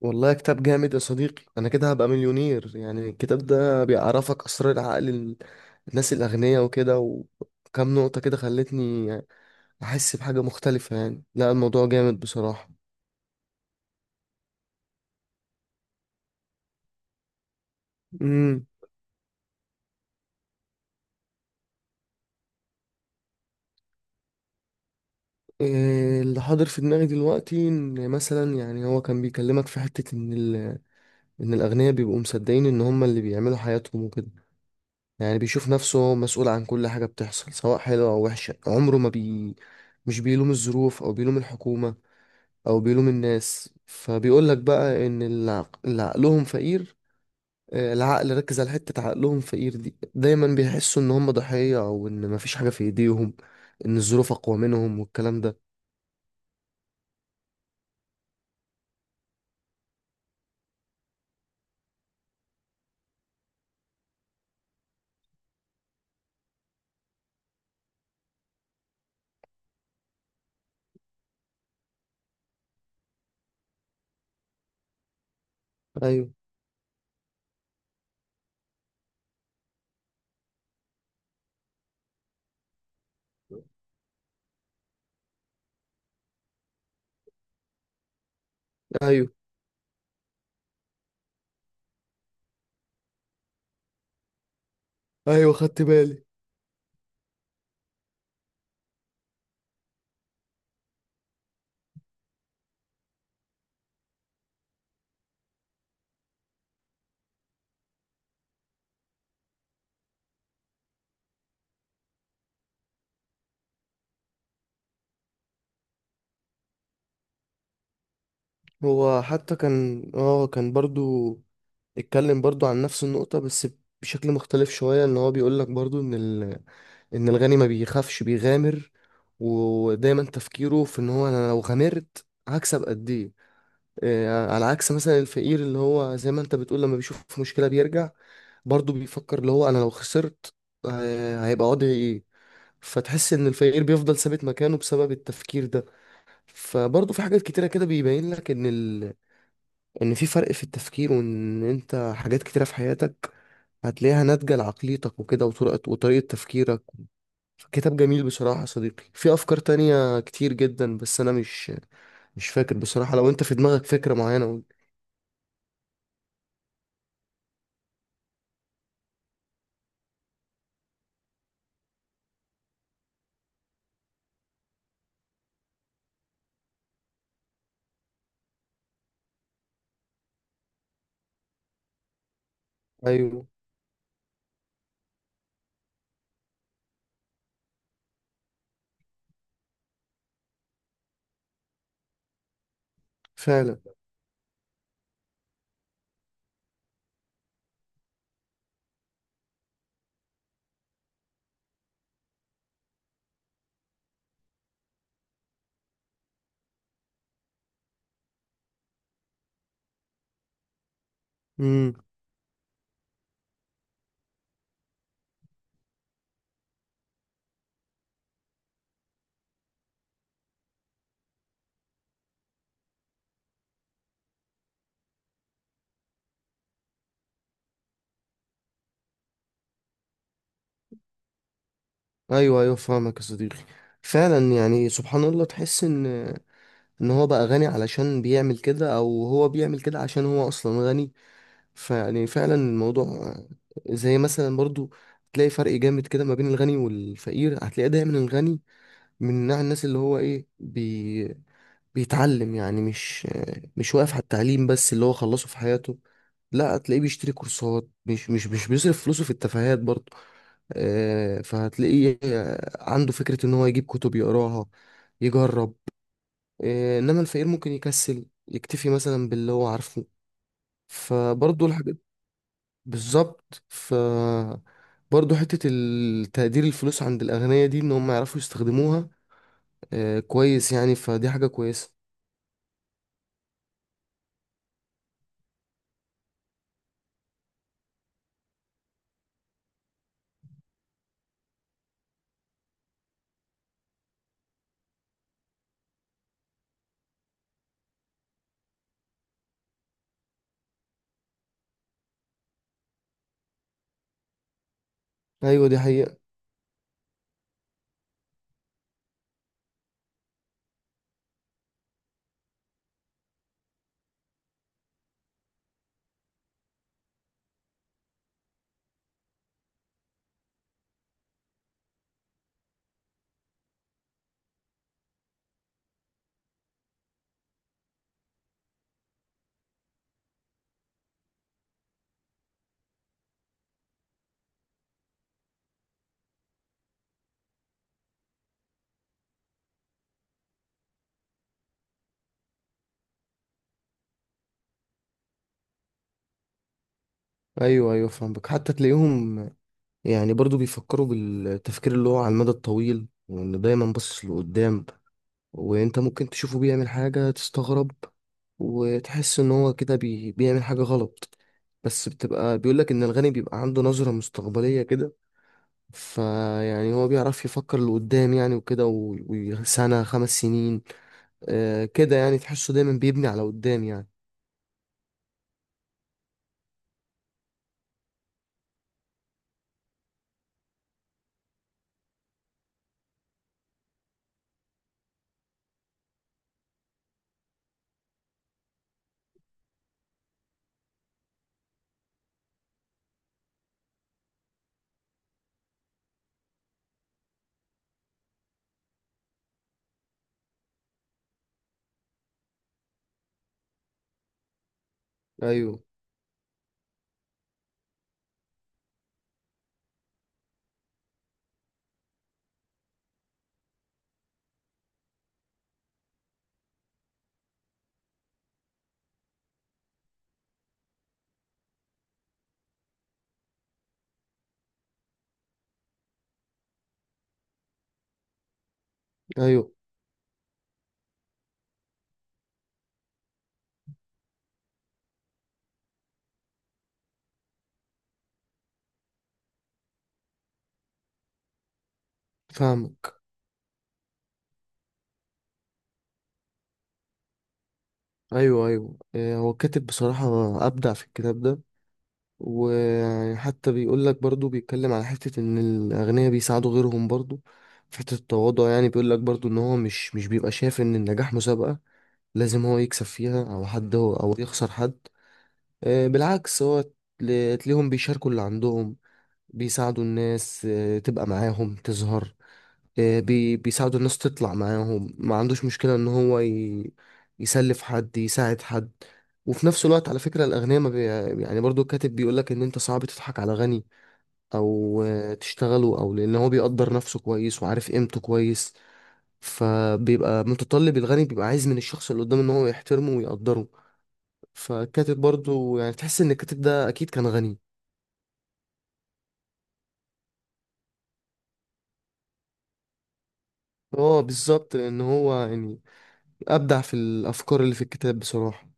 والله كتاب جامد يا صديقي، انا كده هبقى مليونير. يعني الكتاب ده بيعرفك اسرار العقل الناس الاغنياء وكده، وكم نقطة كده خلتني احس بحاجة مختلفة. يعني لا، الموضوع جامد بصراحة. امم إيه اللي حاضر في دماغي دلوقتي، ان مثلا يعني هو كان بيكلمك في حتة ان ان الاغنياء بيبقوا مصدقين ان هم اللي بيعملوا حياتهم وكده. يعني بيشوف نفسه هو مسؤول عن كل حاجة بتحصل، سواء حلوة او وحشة. عمره ما مش بيلوم الظروف، او بيلوم الحكومة، او بيلوم الناس. فبيقول لك بقى ان اللي عقلهم فقير، العقل ركز على حتة عقلهم فقير دي، دايما بيحسوا ان هم ضحية، او ان مفيش حاجة في ايديهم، ان الظروف اقوى منهم والكلام ده. ايوه. ايوه ايوه خدت بالي. هو حتى كان برضو اتكلم برضو عن نفس النقطة، بس بشكل مختلف شوية. ان هو بيقول لك برضو ان ان الغني ما بيخافش، بيغامر، ودايما تفكيره في ان هو انا لو غامرت هكسب قد ايه. على عكس مثلا الفقير، اللي هو زي ما انت بتقول لما بيشوف مشكلة بيرجع، برضه بيفكر اللي هو انا لو خسرت هيبقى وضعي ايه. فتحس ان الفقير بيفضل ثابت مكانه بسبب التفكير ده. فبرضه في حاجات كتيرة كده بيبين لك ان ان في فرق في التفكير، وان انت حاجات كتيرة في حياتك هتلاقيها ناتجة لعقليتك وكده، وطريقة وطريقة تفكيرك. كتاب جميل بصراحة يا صديقي، في أفكار تانية كتير جدا بس أنا مش فاكر بصراحة. لو أنت في دماغك فكرة معينة قول. أيوه، فعلا. امم ايوه ايوه فاهمك يا صديقي. فعلا يعني سبحان الله، تحس ان ان هو بقى غني علشان بيعمل كده، او هو بيعمل كده عشان هو اصلا غني. فيعني فعلا الموضوع زي مثلا برضو، تلاقي فرق جامد كده ما بين الغني والفقير. هتلاقي دايما الغني من نوع الناس اللي هو ايه بيتعلم، يعني مش واقف على التعليم بس اللي هو خلصه في حياته. لا، هتلاقيه بيشتري كورسات، مش بيصرف فلوسه في التفاهات برضه. فهتلاقيه عنده فكرة إن هو يجيب كتب يقراها، يجرب. إنما الفقير ممكن يكسل، يكتفي مثلا باللي هو عارفه. فبرضه الحاجات، بالظبط. برضه حتة التقدير الفلوس عند الأغنياء دي، إن هم يعرفوا يستخدموها كويس يعني. فدي حاجة كويسة. أيوة، دي حقيقة. أيوة أيوة فاهمك. حتى تلاقيهم يعني برضه بيفكروا بالتفكير اللي هو على المدى الطويل، وإنه دايما باصص لقدام. وانت ممكن تشوفه بيعمل حاجة تستغرب، وتحس ان هو كده بيعمل حاجة غلط، بس بتبقى بيقولك ان الغني بيبقى عنده نظرة مستقبلية كده. فيعني هو بيعرف يفكر لقدام، يعني وكده و... وسنة، 5 سنين، كده يعني. تحسه دايما بيبني على قدام يعني. ايوه. ايوه فاهمك. ايوه ايوه، هو كاتب بصراحة ابدع في الكتاب ده. وحتى بيقول لك برضو، بيتكلم على حتة ان الاغنياء بيساعدوا غيرهم برضو في حتة التواضع. يعني بيقول لك برضو ان هو مش بيبقى شايف ان النجاح مسابقة لازم هو يكسب فيها، او حد هو او يخسر حد. بالعكس، هو تلاقيهم بيشاركوا اللي عندهم، بيساعدوا الناس تبقى معاهم تظهر، آه، بي بيساعدوا الناس تطلع معاهم، ما عندوش مشكلة ان هو يسلف حد، يساعد حد. وفي نفس الوقت، على فكرة، الأغنياء ما بي... يعني برضو الكاتب بيقولك إن أنت صعب تضحك على غني، أو تشتغله، أو لأن هو بيقدر نفسه كويس وعارف قيمته كويس. فبيبقى متطلب، الغني بيبقى عايز من الشخص اللي قدامه إن هو يحترمه ويقدره. فالكاتب برضو، يعني تحس إن الكاتب ده أكيد كان غني. اه، بالظبط، لأن هو يعني أبدع في الأفكار اللي في الكتاب بصراحة.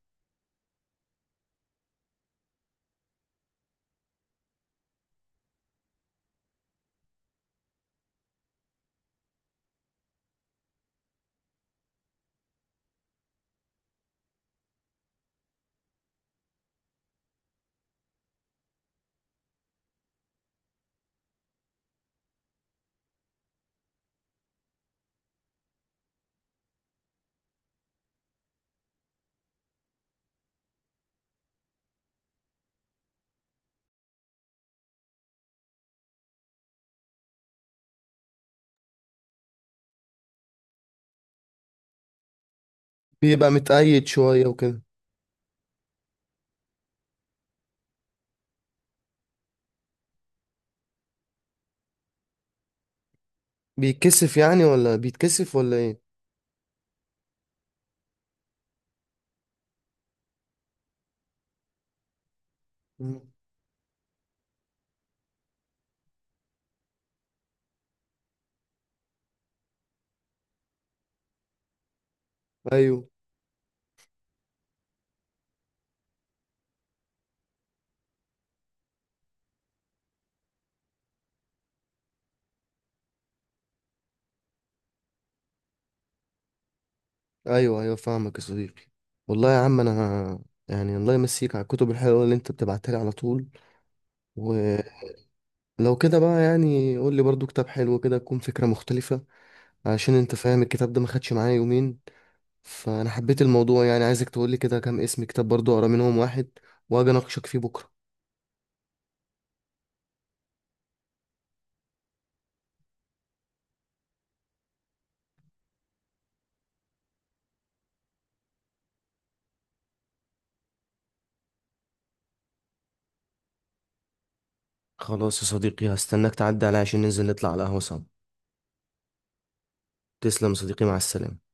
بيبقى متأيد شوية وكده. بيتكسف يعني، ولا بيتكسف، ولا ايه؟ مم. ايوه ايوه. ايوه فاهمك يا صديقي. والله يا عم انا يعني الله يمسيك على الكتب الحلوه اللي انت بتبعتها لي على طول. ولو كده بقى يعني قول لي برضو كتاب حلو كده، تكون فكره مختلفه، عشان انت فاهم الكتاب ده ما خدش معايا يومين. فانا حبيت الموضوع، يعني عايزك تقول لي كده كام اسم كتاب برضو اقرا منهم واحد، واجي اناقشك فيه بكره. خلاص يا صديقي، هستناك تعدي عليا عشان ننزل نطلع على القهوه سوا. تسلم يا صديقي، مع السلامه.